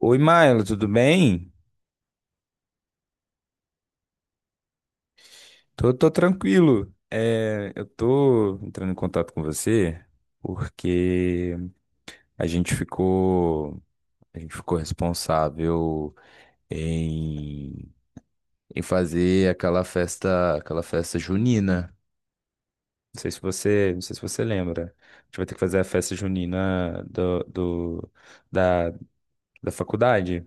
Oi, Maila, tudo bem? Tô tranquilo. É, eu tô entrando em contato com você porque a gente ficou, a gente ficou responsável em, em fazer aquela festa junina. Não sei se você lembra. A gente vai ter que fazer a festa junina da, da faculdade.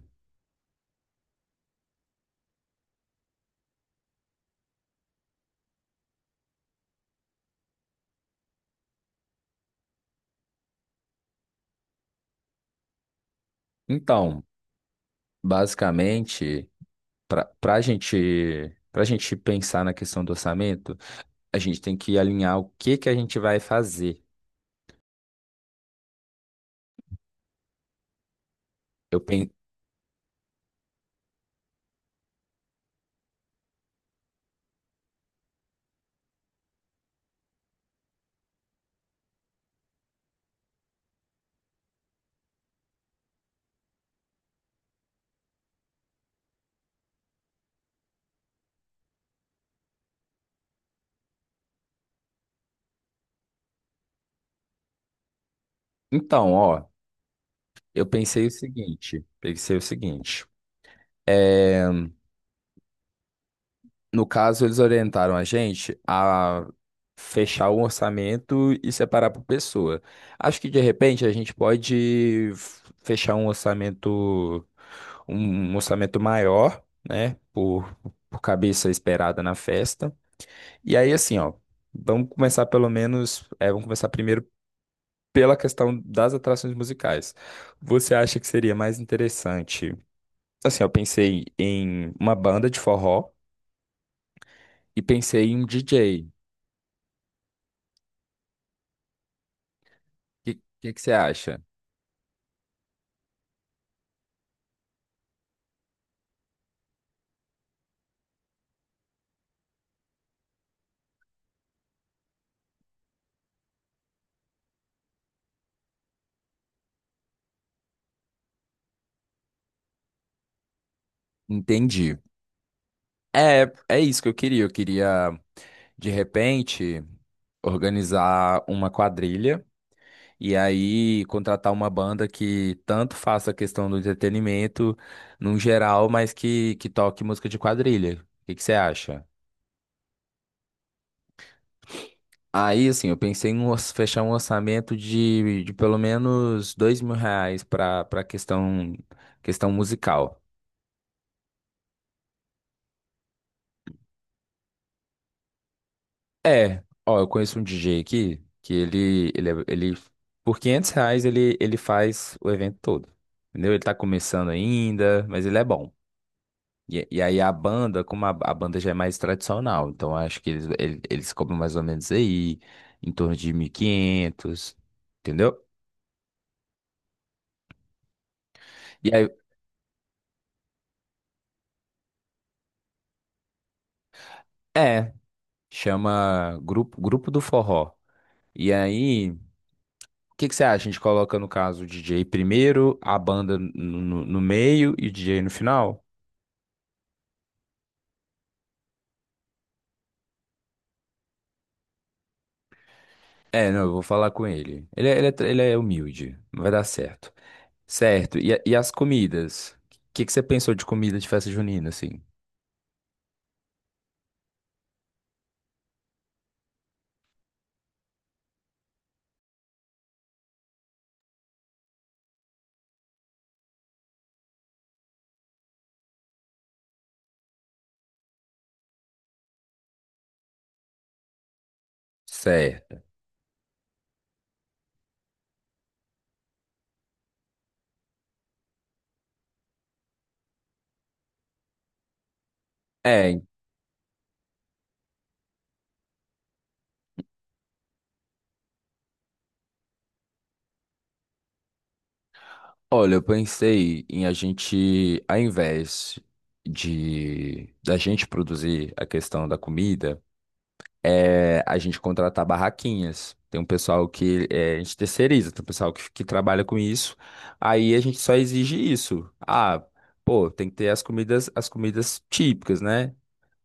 Então, basicamente, para gente pensar na questão do orçamento a gente tem que alinhar o que que a gente vai fazer. Eu pen... Então, ó, eu pensei o seguinte. é, No caso, eles orientaram a gente a fechar o orçamento e separar por pessoa. Acho que de repente a gente pode fechar um orçamento, um um orçamento maior, né? Por cabeça esperada na festa. E aí, assim, ó, vamos começar pelo menos, é, vamos começar primeiro pela questão das atrações musicais. Você acha que seria mais interessante? Assim, eu pensei em uma banda de forró e pensei em um DJ. O que você acha? Entendi. É isso que eu queria. Eu queria, de repente, organizar uma quadrilha e aí contratar uma banda que tanto faça a questão do entretenimento num geral, mas que toque música de quadrilha. O que você acha? Aí, assim, eu pensei em fechar um orçamento de pelo menos R$ 2.000 para questão musical. É, ó, eu conheço um DJ aqui que ele por R$ 500 ele faz o evento todo, entendeu? Ele tá começando ainda, mas ele é bom. E aí a banda, como a banda já é mais tradicional, então acho que eles cobram mais ou menos aí em torno de 1.500, entendeu? E aí, é. Chama Grupo do Forró. E aí, o que que você acha? A gente coloca, no caso, o DJ primeiro, a banda no meio e o DJ no final? É, não, eu vou falar com ele. Ele é humilde, não vai dar certo. Certo, e as comidas? O que que você pensou de comida de festa junina, assim? Certo. É, olha, eu pensei em a gente, ao invés de da gente produzir a questão da comida, a gente contratar barraquinhas. Tem um pessoal a gente terceiriza, tem um pessoal que trabalha com isso. Aí a gente só exige isso. Ah, pô, tem que ter as comidas, típicas, né?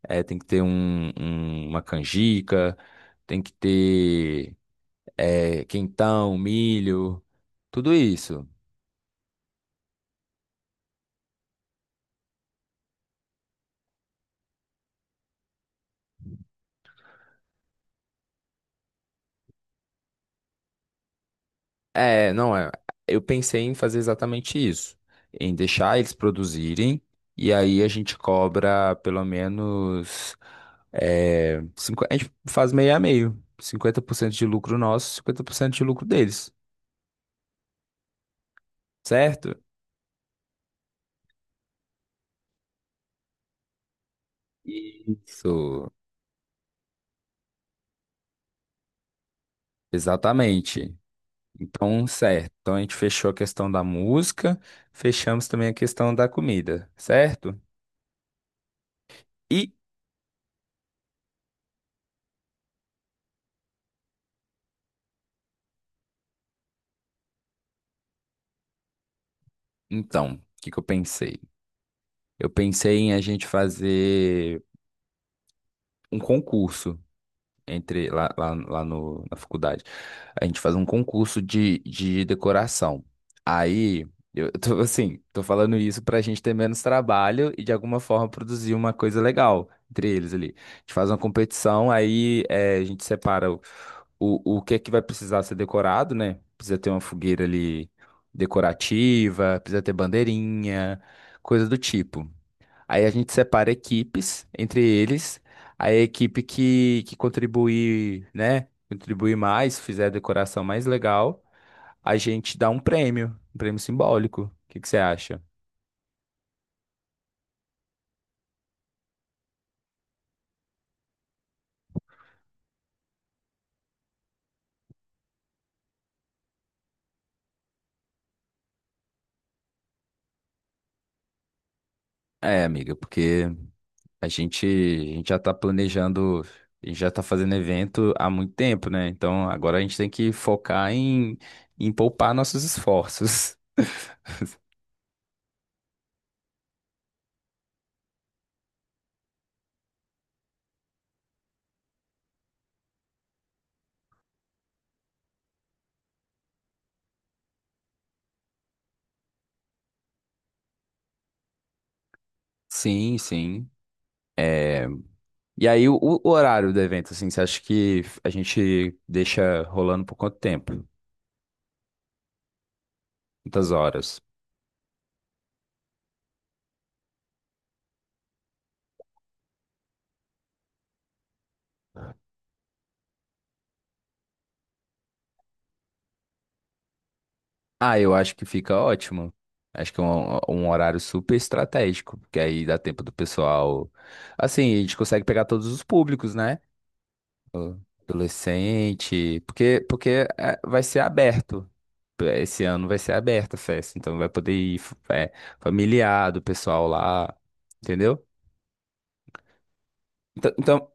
É, tem que ter uma canjica, tem que ter quentão, milho, tudo isso. É, não é. Eu pensei em fazer exatamente isso, em deixar eles produzirem e aí a gente cobra pelo menos. A gente faz meio a meio. 50% de lucro nosso, 50% de lucro deles, certo? Isso, exatamente. Então, certo. Então a gente fechou a questão da música, fechamos também a questão da comida, certo? E então, o que que eu pensei? Eu pensei em a gente fazer um concurso entre lá, lá, lá no, na faculdade. A gente faz um concurso de decoração. Aí, eu tô assim, tô falando isso pra gente ter menos trabalho e de alguma forma produzir uma coisa legal entre eles ali. A gente faz uma competição, aí a gente separa o que é que vai precisar ser decorado, né? Precisa ter uma fogueira ali decorativa, precisa ter bandeirinha, coisa do tipo. Aí a gente separa equipes entre eles. Aí a equipe que contribuir, né? Contribuir mais, fizer a decoração mais legal, a gente dá um prêmio simbólico. O que que você acha? É, amiga, porque a gente já tá planejando, a gente já tá fazendo evento há muito tempo, né? Então agora a gente tem que focar em poupar nossos esforços. Sim, sim. É, E aí, o horário do evento, assim, você acha que a gente deixa rolando por quanto tempo? Quantas horas? Ah, eu acho que fica ótimo. Acho que é um horário super estratégico, porque aí dá tempo do pessoal. Assim, a gente consegue pegar todos os públicos, né? Adolescente, porque vai ser aberto. Esse ano vai ser aberta a festa, então vai poder ir é, familiar do pessoal lá, entendeu? Então,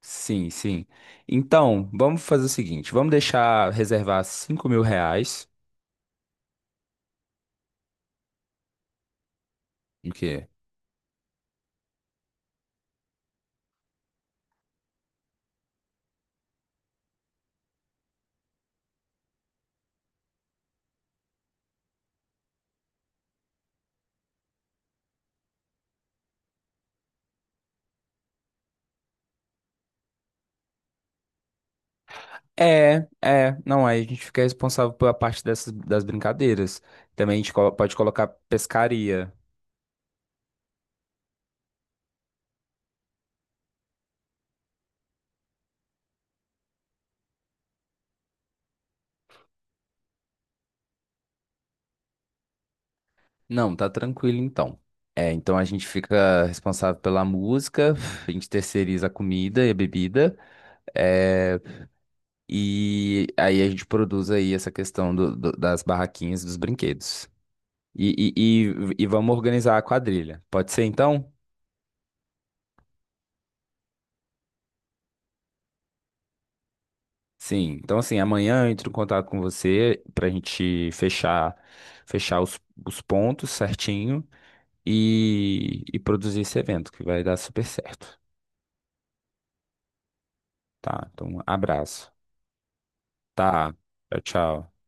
sim, sim. Então, vamos fazer o seguinte: vamos deixar reservar R$ 5.000. O quê? É, não, aí a gente fica responsável pela parte das brincadeiras. Também a gente pode colocar pescaria. Não, tá tranquilo então. É, então a gente fica responsável pela música, a gente terceiriza a comida e a bebida, é, e aí a gente produz aí essa questão das barraquinhas, dos brinquedos. E vamos organizar a quadrilha. Pode ser então? Sim, então assim, amanhã eu entro em contato com você pra gente fechar os pontos certinho e produzir esse evento que vai dar super certo, tá? Então, um abraço, tá? Tchau, tchau.